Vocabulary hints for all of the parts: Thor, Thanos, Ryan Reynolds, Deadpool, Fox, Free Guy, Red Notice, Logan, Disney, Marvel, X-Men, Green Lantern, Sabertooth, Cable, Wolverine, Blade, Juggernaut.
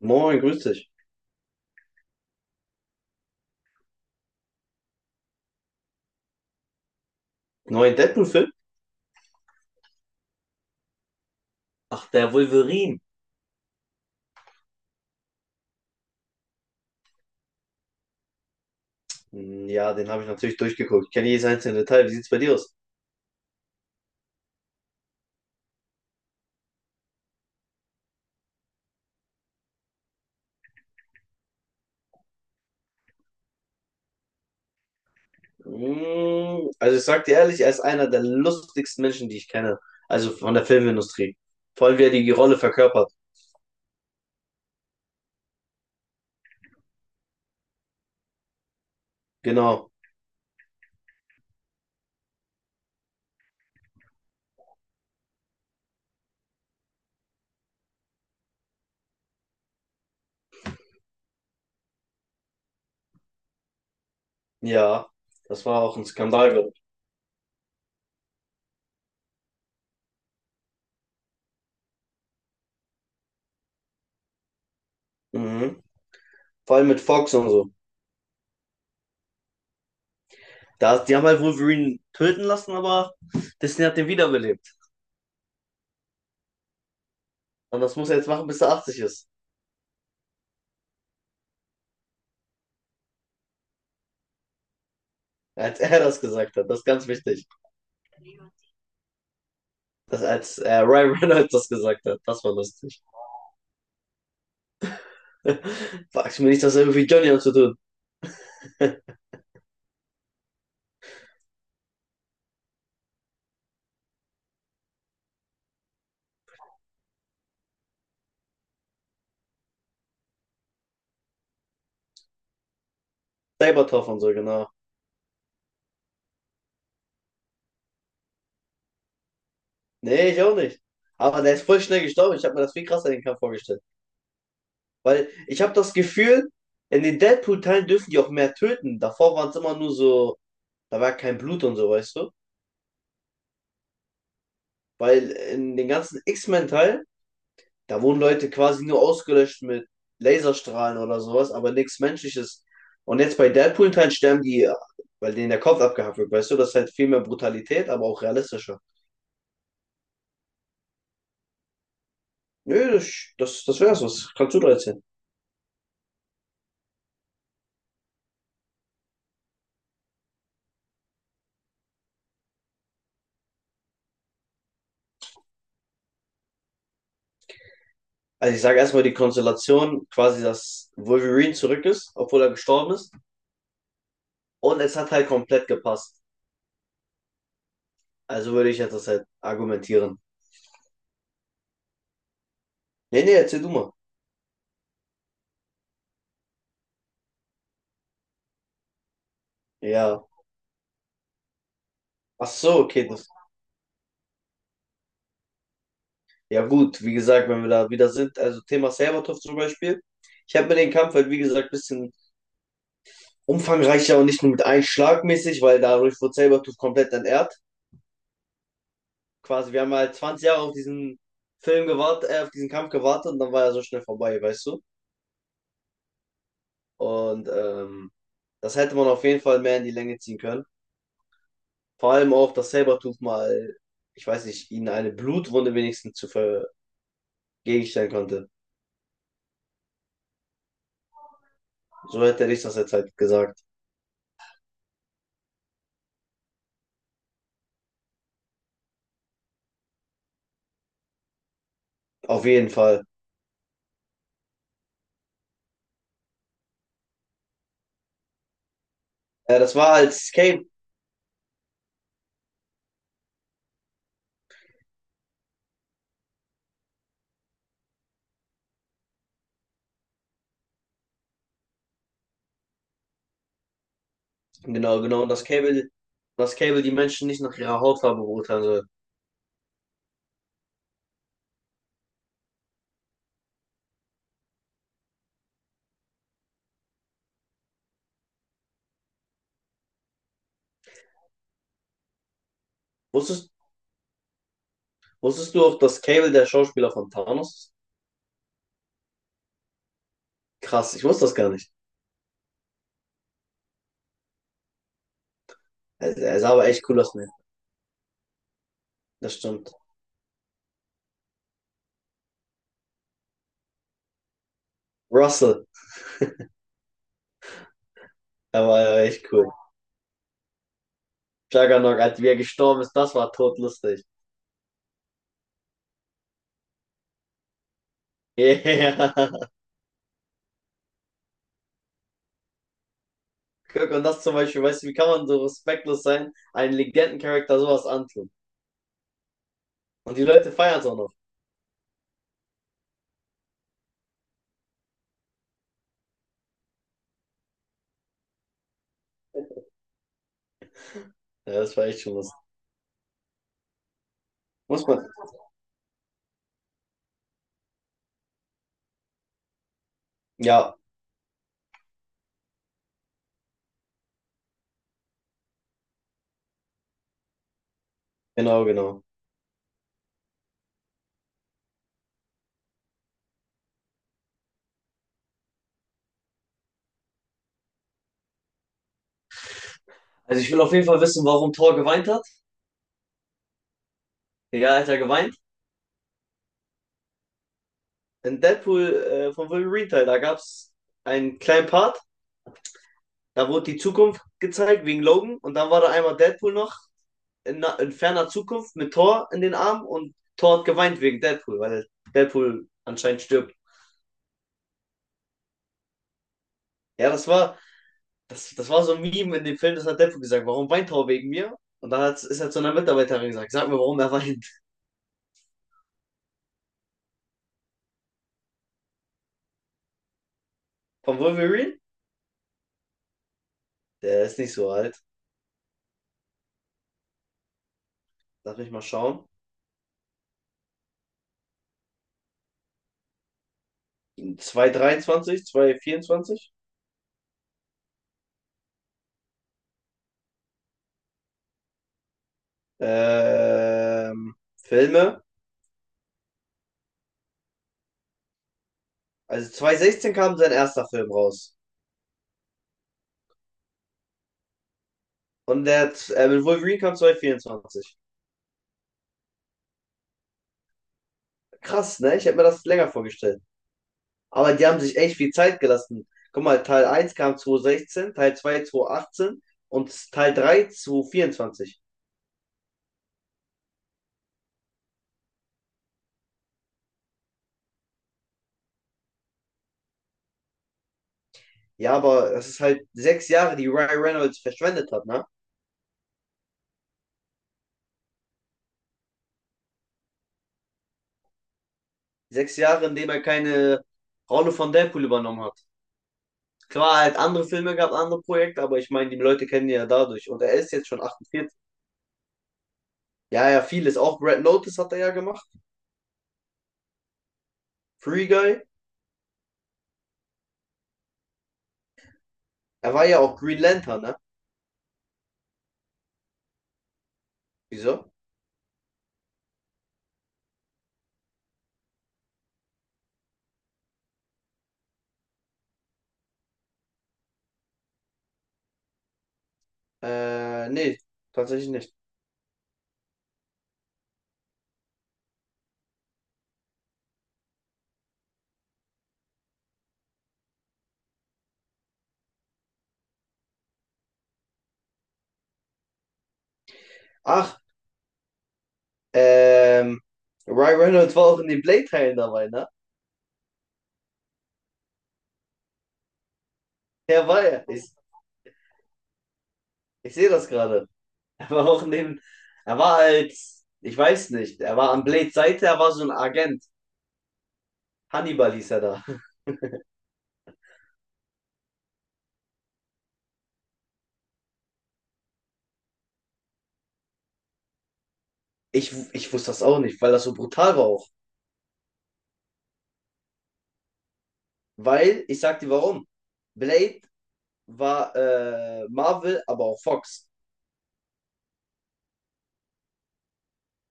Moin, grüß dich. Neuen Deadpool-Film? Ach, der Wolverine. Hm, ja, den habe ich natürlich durchgeguckt. Ich kenne jedes einzelne Detail. Wie sieht's bei dir aus? Also ich sag dir ehrlich, er ist einer der lustigsten Menschen, die ich kenne. Also von der Filmindustrie. Vor allem, wie er die Rolle verkörpert. Genau. Ja, das war auch ein Skandal, glaube ich. Mhm. Vor allem mit Fox und so. Da, die haben halt Wolverine töten lassen, aber Disney hat den wiederbelebt. Und das muss er jetzt machen, bis er 80 ist. Als er das gesagt hat. Das ist ganz wichtig. Das, als Ryan Reynolds das gesagt hat, das war lustig. Fragst du mir nicht, das hat irgendwie Johnny zu tun. Sabertopf und so, genau. Nee, ich auch nicht. Aber der ist voll schnell gestorben. Ich habe mir das viel krasser den Kampf vorgestellt. Weil ich habe das Gefühl, in den Deadpool-Teilen dürfen die auch mehr töten. Davor waren es immer nur so, da war kein Blut und so, weißt du? Weil in den ganzen X-Men-Teilen da wurden Leute quasi nur ausgelöscht mit Laserstrahlen oder sowas, aber nichts Menschliches. Und jetzt bei Deadpool-Teilen sterben die, weil denen der Kopf abgehackt wird, weißt du? Das ist halt viel mehr Brutalität, aber auch realistischer. Nö, das wär's, was kannst du da erzählen? Also ich sage erstmal die Konstellation, quasi, dass Wolverine zurück ist, obwohl er gestorben ist. Und es hat halt komplett gepasst. Also würde ich jetzt das halt argumentieren. Nee, nee, erzähl du mal. Ja. Ach so, okay, das. Ja gut, wie gesagt, wenn wir da wieder sind, also Thema Serbatov zum Beispiel. Ich habe mir den Kampf halt, wie gesagt, ein bisschen umfangreicher und nicht nur mit einem Schlag mäßig, weil dadurch wurde Sabertooth komplett entehrt. Quasi, wir haben halt 20 Jahre auf diesen Film gewartet, auf diesen Kampf gewartet und dann war er so schnell vorbei, weißt du? Und das hätte man auf jeden Fall mehr in die Länge ziehen können. Vor allem auch, dass Sabertooth mal, ich weiß nicht, ihnen eine Blutwunde wenigstens zu vergegenstellen konnte. So hätte ich das jetzt halt gesagt. Auf jeden Fall. Ja, das war als Kane. Genau, genau. Und das Cable die Menschen nicht nach ihrer Hautfarbe beurteilen soll. Wusstest, wusstest du auch, dass Cable der Schauspieler von Thanos ist? Krass, ich wusste das gar nicht. Er sah aber echt cool aus, ne? Das stimmt. Russell, er war ja echt cool. Juggernaut, als wie er gestorben ist, das war todlustig. Yeah. Guck, und das zum Beispiel, weißt du, wie kann man so respektlos sein, einen Legendencharakter sowas antun? Und die Leute feiern es auch noch. Ja, das war echt schon lustig. Muss man. Ja, genau, genau. Also ich will auf jeden Fall wissen, warum Thor geweint hat. Ja, er hat ja geweint. In Deadpool vom Wolverine Teil, da gab es einen kleinen Part, da wurde die Zukunft gezeigt wegen Logan und dann war da einmal Deadpool noch in, in ferner Zukunft mit Thor in den Armen und Thor hat geweint wegen Deadpool, weil Deadpool anscheinend stirbt. Ja, das war, das war so ein Meme in dem Film, das hat Deadpool gesagt, warum weint Thor wegen mir? Und dann hat's, ist er zu einer Mitarbeiterin gesagt, sag mir, warum er weint. Von Wolverine? Der ist nicht so alt. Darf ich mal schauen? 223, 224. Ähm, Filme. Also 2016 kam sein erster Film raus. Und der, mit Wolverine kam 2024. Krass, ne? Ich hätte mir das länger vorgestellt. Aber die haben sich echt viel Zeit gelassen. Guck mal, Teil 1 kam 2016, Teil 2 2018 und Teil 3 2024. Ja, aber das ist halt 6 Jahre, die Ryan Reynolds verschwendet hat, ne? Sechs Jahre, in denen er keine Rolle von Deadpool übernommen hat. Klar, er hat andere Filme gehabt, andere Projekte, aber ich meine, die Leute kennen ihn ja dadurch. Und er ist jetzt schon 48. Ja, ja, vieles. Auch Red Notice hat er ja gemacht. Free Guy? Er war ja auch Green Lantern, ne? Wieso? Nee, tatsächlich nicht. Ach, ähm, Ryan Reynolds war auch in den Blade-Teilen dabei, ne? Er war er. Ich sehe das gerade. Er war auch in dem, er war als, ich weiß nicht, er war an Blades Seite, er war so ein Agent. Hannibal hieß er da. Ich wusste das auch nicht, weil das so brutal war auch. Weil, ich sag dir warum. Blade war Marvel, aber auch Fox.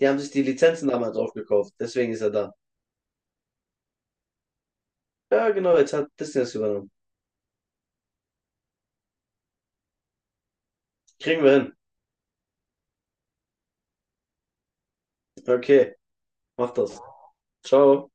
Die haben sich die Lizenzen damals aufgekauft. Deswegen ist er da. Ja, genau, jetzt hat Disney das übernommen. Kriegen wir hin. Okay, mach das. Ciao.